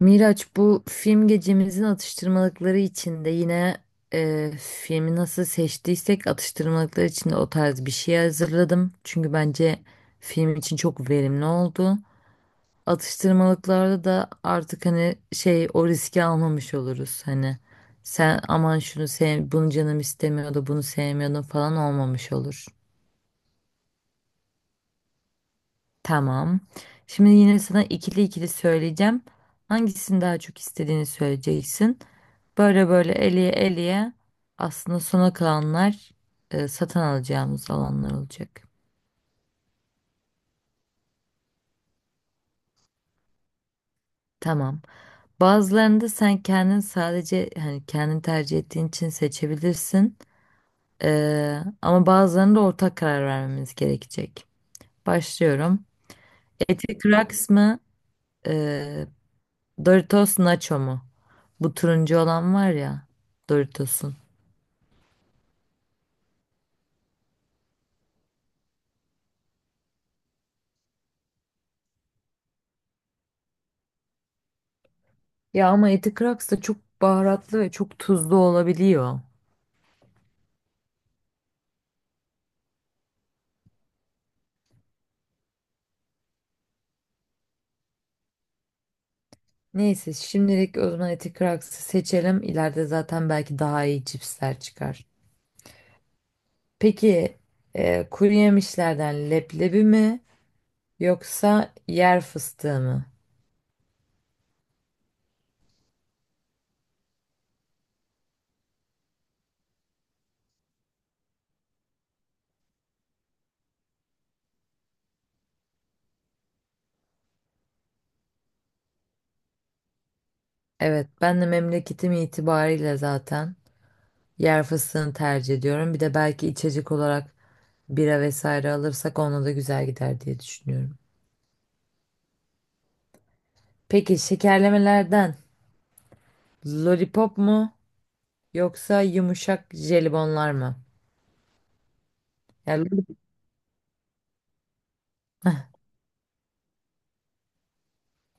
Miraç, bu film gecemizin atıştırmalıkları içinde yine filmi nasıl seçtiysek atıştırmalıklar içinde o tarz bir şey hazırladım. Çünkü bence film için çok verimli oldu. Atıştırmalıklarda da artık hani şey o riski almamış oluruz. Hani sen aman şunu sev, bunu canım istemiyordu, bunu sevmiyordum falan olmamış olur. Tamam. Şimdi yine sana ikili ikili söyleyeceğim. Hangisini daha çok istediğini söyleyeceksin. Böyle böyle eleye eleye aslında sona kalanlar satın alacağımız alanlar olacak. Tamam. Bazılarını da sen kendin sadece hani kendin tercih ettiğin için seçebilirsin. Ama bazılarını da ortak karar vermemiz gerekecek. Başlıyorum. Eti kıraks mı? e, Doritos Nacho mu? Bu turuncu olan var ya, Doritos'un. Ya ama eti Kraks da çok baharatlı ve çok tuzlu olabiliyor. Neyse şimdilik o zaman eti Kraks'ı seçelim. İleride zaten belki daha iyi cipsler çıkar. Peki, kuru yemişlerden leblebi mi yoksa yer fıstığı mı? Evet, ben de memleketim itibariyle zaten yer fıstığını tercih ediyorum. Bir de belki içecek olarak bira vesaire alırsak ona da güzel gider diye düşünüyorum. Peki şekerlemelerden lollipop mu yoksa yumuşak jelibonlar mı? Yani,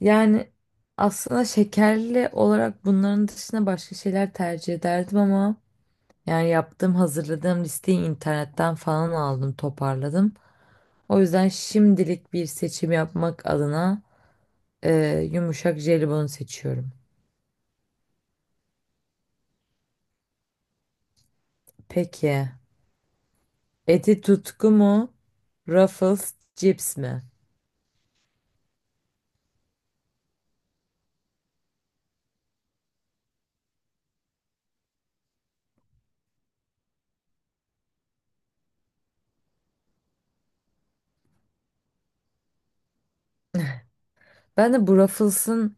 yani aslında şekerli olarak bunların dışında başka şeyler tercih ederdim ama yani yaptığım hazırladığım listeyi internetten falan aldım, toparladım. O yüzden şimdilik bir seçim yapmak adına e, yumuşak jelibonu seçiyorum. Peki Eti Tutku mu, Ruffles cips mi? Ben de bu Ruffles'ın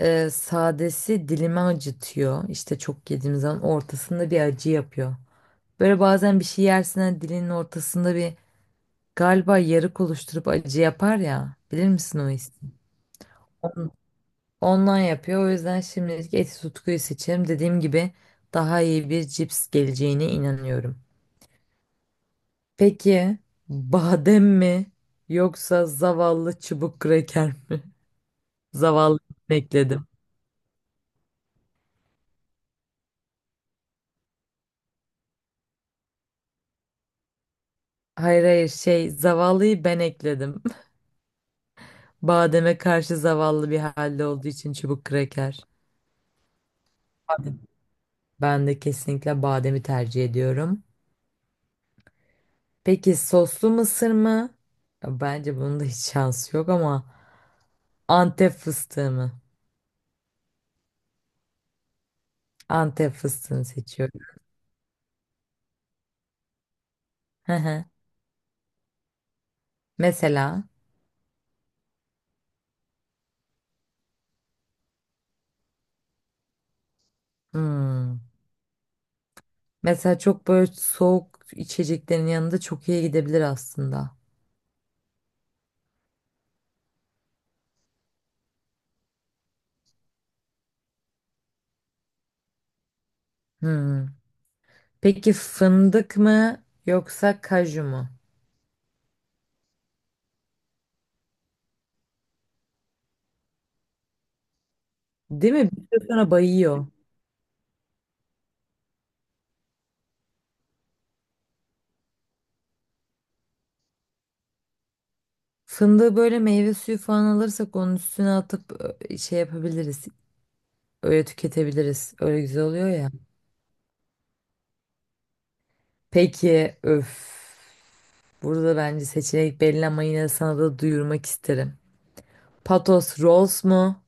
sadesi dilimi acıtıyor. İşte çok yediğim zaman ortasında bir acı yapıyor. Böyle bazen bir şey yersin, hani dilinin ortasında bir galiba yarık oluşturup acı yapar ya. Bilir misin o hissi? Ondan yapıyor. O yüzden şimdilik eti tutkuyu seçerim. Dediğim gibi daha iyi bir cips geleceğine inanıyorum. Peki badem mi yoksa zavallı çubuk kraker mi? Zavallı ekledim. Hayır hayır, şey, zavallıyı ben ekledim. Bademe karşı zavallı bir halde olduğu için çubuk kraker. Ben de kesinlikle bademi tercih ediyorum. Peki, soslu mısır mı? Ya bence bunun da hiç şansı yok ama Antep fıstığı mı? Antep fıstığını seçiyorum. Hı hı. Mesela hmm, mesela çok böyle soğuk içeceklerin yanında çok iyi gidebilir aslında. Hmm. Peki fındık mı yoksa kaju mu? Değil mi? Bir süre sonra bayıyor. Fındığı böyle meyve suyu falan alırsak onun üstüne atıp şey yapabiliriz. Öyle tüketebiliriz. Öyle güzel oluyor ya. Peki, öf. Burada bence seçenek belli ama yine de sana da duyurmak isterim. Patos Rolls mu?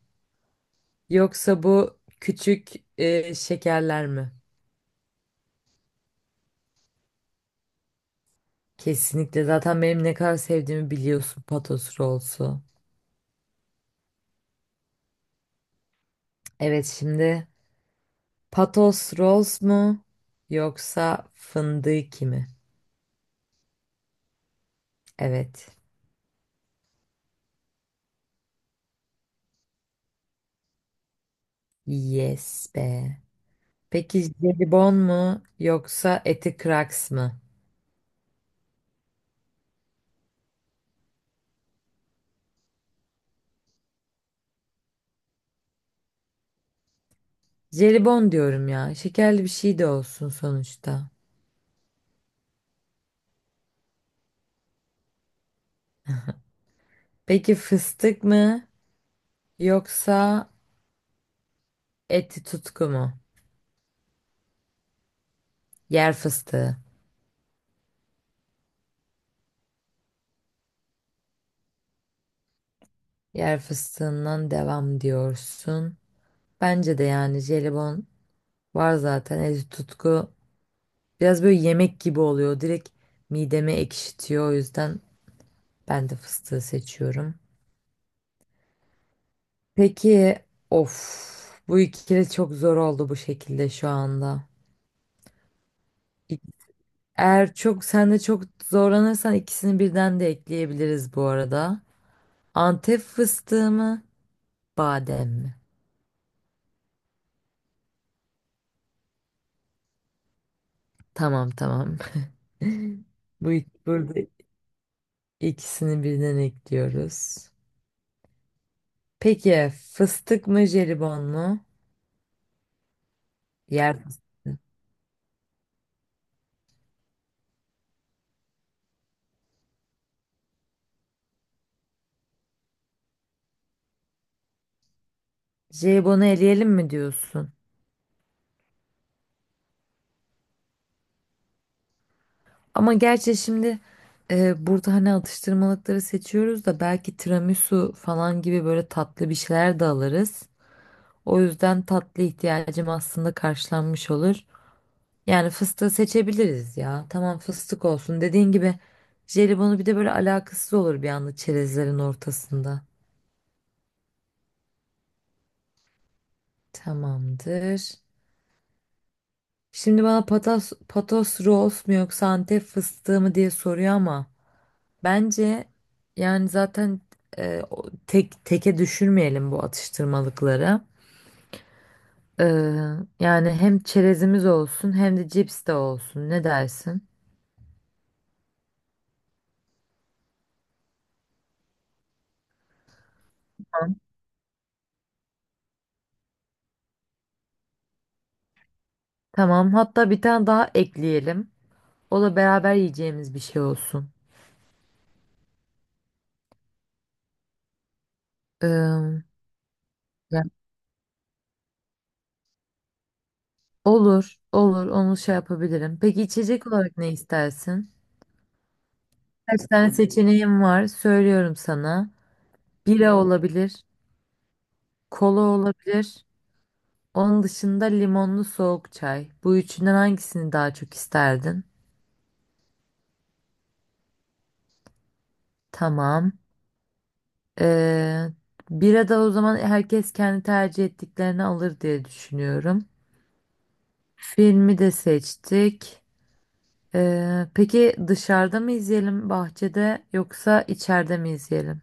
Yoksa bu küçük şekerler mi? Kesinlikle. Zaten benim ne kadar sevdiğimi biliyorsun Patos Rolls'u. Evet, şimdi Patos Rolls mu? Yoksa fındık mi? Evet. Yes be. Peki jelibon mu yoksa eti kraks mı? Jelibon diyorum ya. Şekerli bir şey de olsun sonuçta. Peki fıstık mı yoksa eti tutku mu? Yer fıstığı. Yer fıstığından devam diyorsun. Bence de yani jelibon var zaten, eti tutku biraz böyle yemek gibi oluyor. Direkt mideme ekşitiyor. O yüzden ben de fıstığı seçiyorum. Peki, of, bu ikili çok zor oldu bu şekilde şu anda. İ- Eğer çok sen de çok zorlanırsan ikisini birden de ekleyebiliriz bu arada. Antep fıstığı mı, badem mi? Tamam tamam. Burada ikisini birden ekliyoruz. Peki fıstık mı, jelibon mu? Yer fıstığı. Jelibonu eleyelim mi diyorsun? Ama gerçi şimdi burada hani atıştırmalıkları seçiyoruz da belki tiramisu falan gibi böyle tatlı bir şeyler de alırız. O yüzden tatlı ihtiyacım aslında karşılanmış olur. Yani fıstığı seçebiliriz ya. Tamam, fıstık olsun. Dediğin gibi jelibonu bir de böyle alakasız olur bir anda çerezlerin ortasında. Tamamdır. Şimdi bana patos rolls mu yoksa Antep fıstığı mı diye soruyor ama. Bence yani zaten, tek teke düşürmeyelim bu atıştırmalıkları. E, Yani hem çerezimiz olsun hem de cips de olsun. Ne dersin? Tamam. Tamam. Hatta bir tane daha ekleyelim. O da beraber yiyeceğimiz bir şey olsun. E, Ya, olur, olur. Onu şey yapabilirim. Peki içecek olarak ne istersin? Kaç tane seçeneğim var? Söylüyorum sana. Bira olabilir, kola olabilir. Onun dışında limonlu soğuk çay. Bu üçünden hangisini daha çok isterdin? Tamam. Ee, Bira da o zaman herkes kendi tercih ettiklerini alır diye düşünüyorum. Filmi de seçtik. Peki dışarıda mı izleyelim bahçede yoksa içeride mi izleyelim?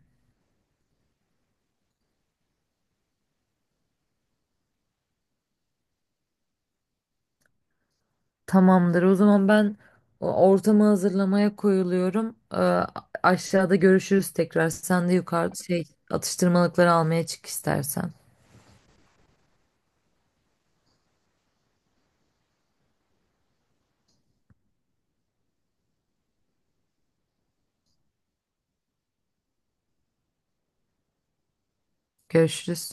Tamamdır. O zaman ben ortamı hazırlamaya koyuluyorum. Aşağıda görüşürüz tekrar. Sen de yukarıda şey, atıştırmalıkları almaya çık istersen. Görüşürüz.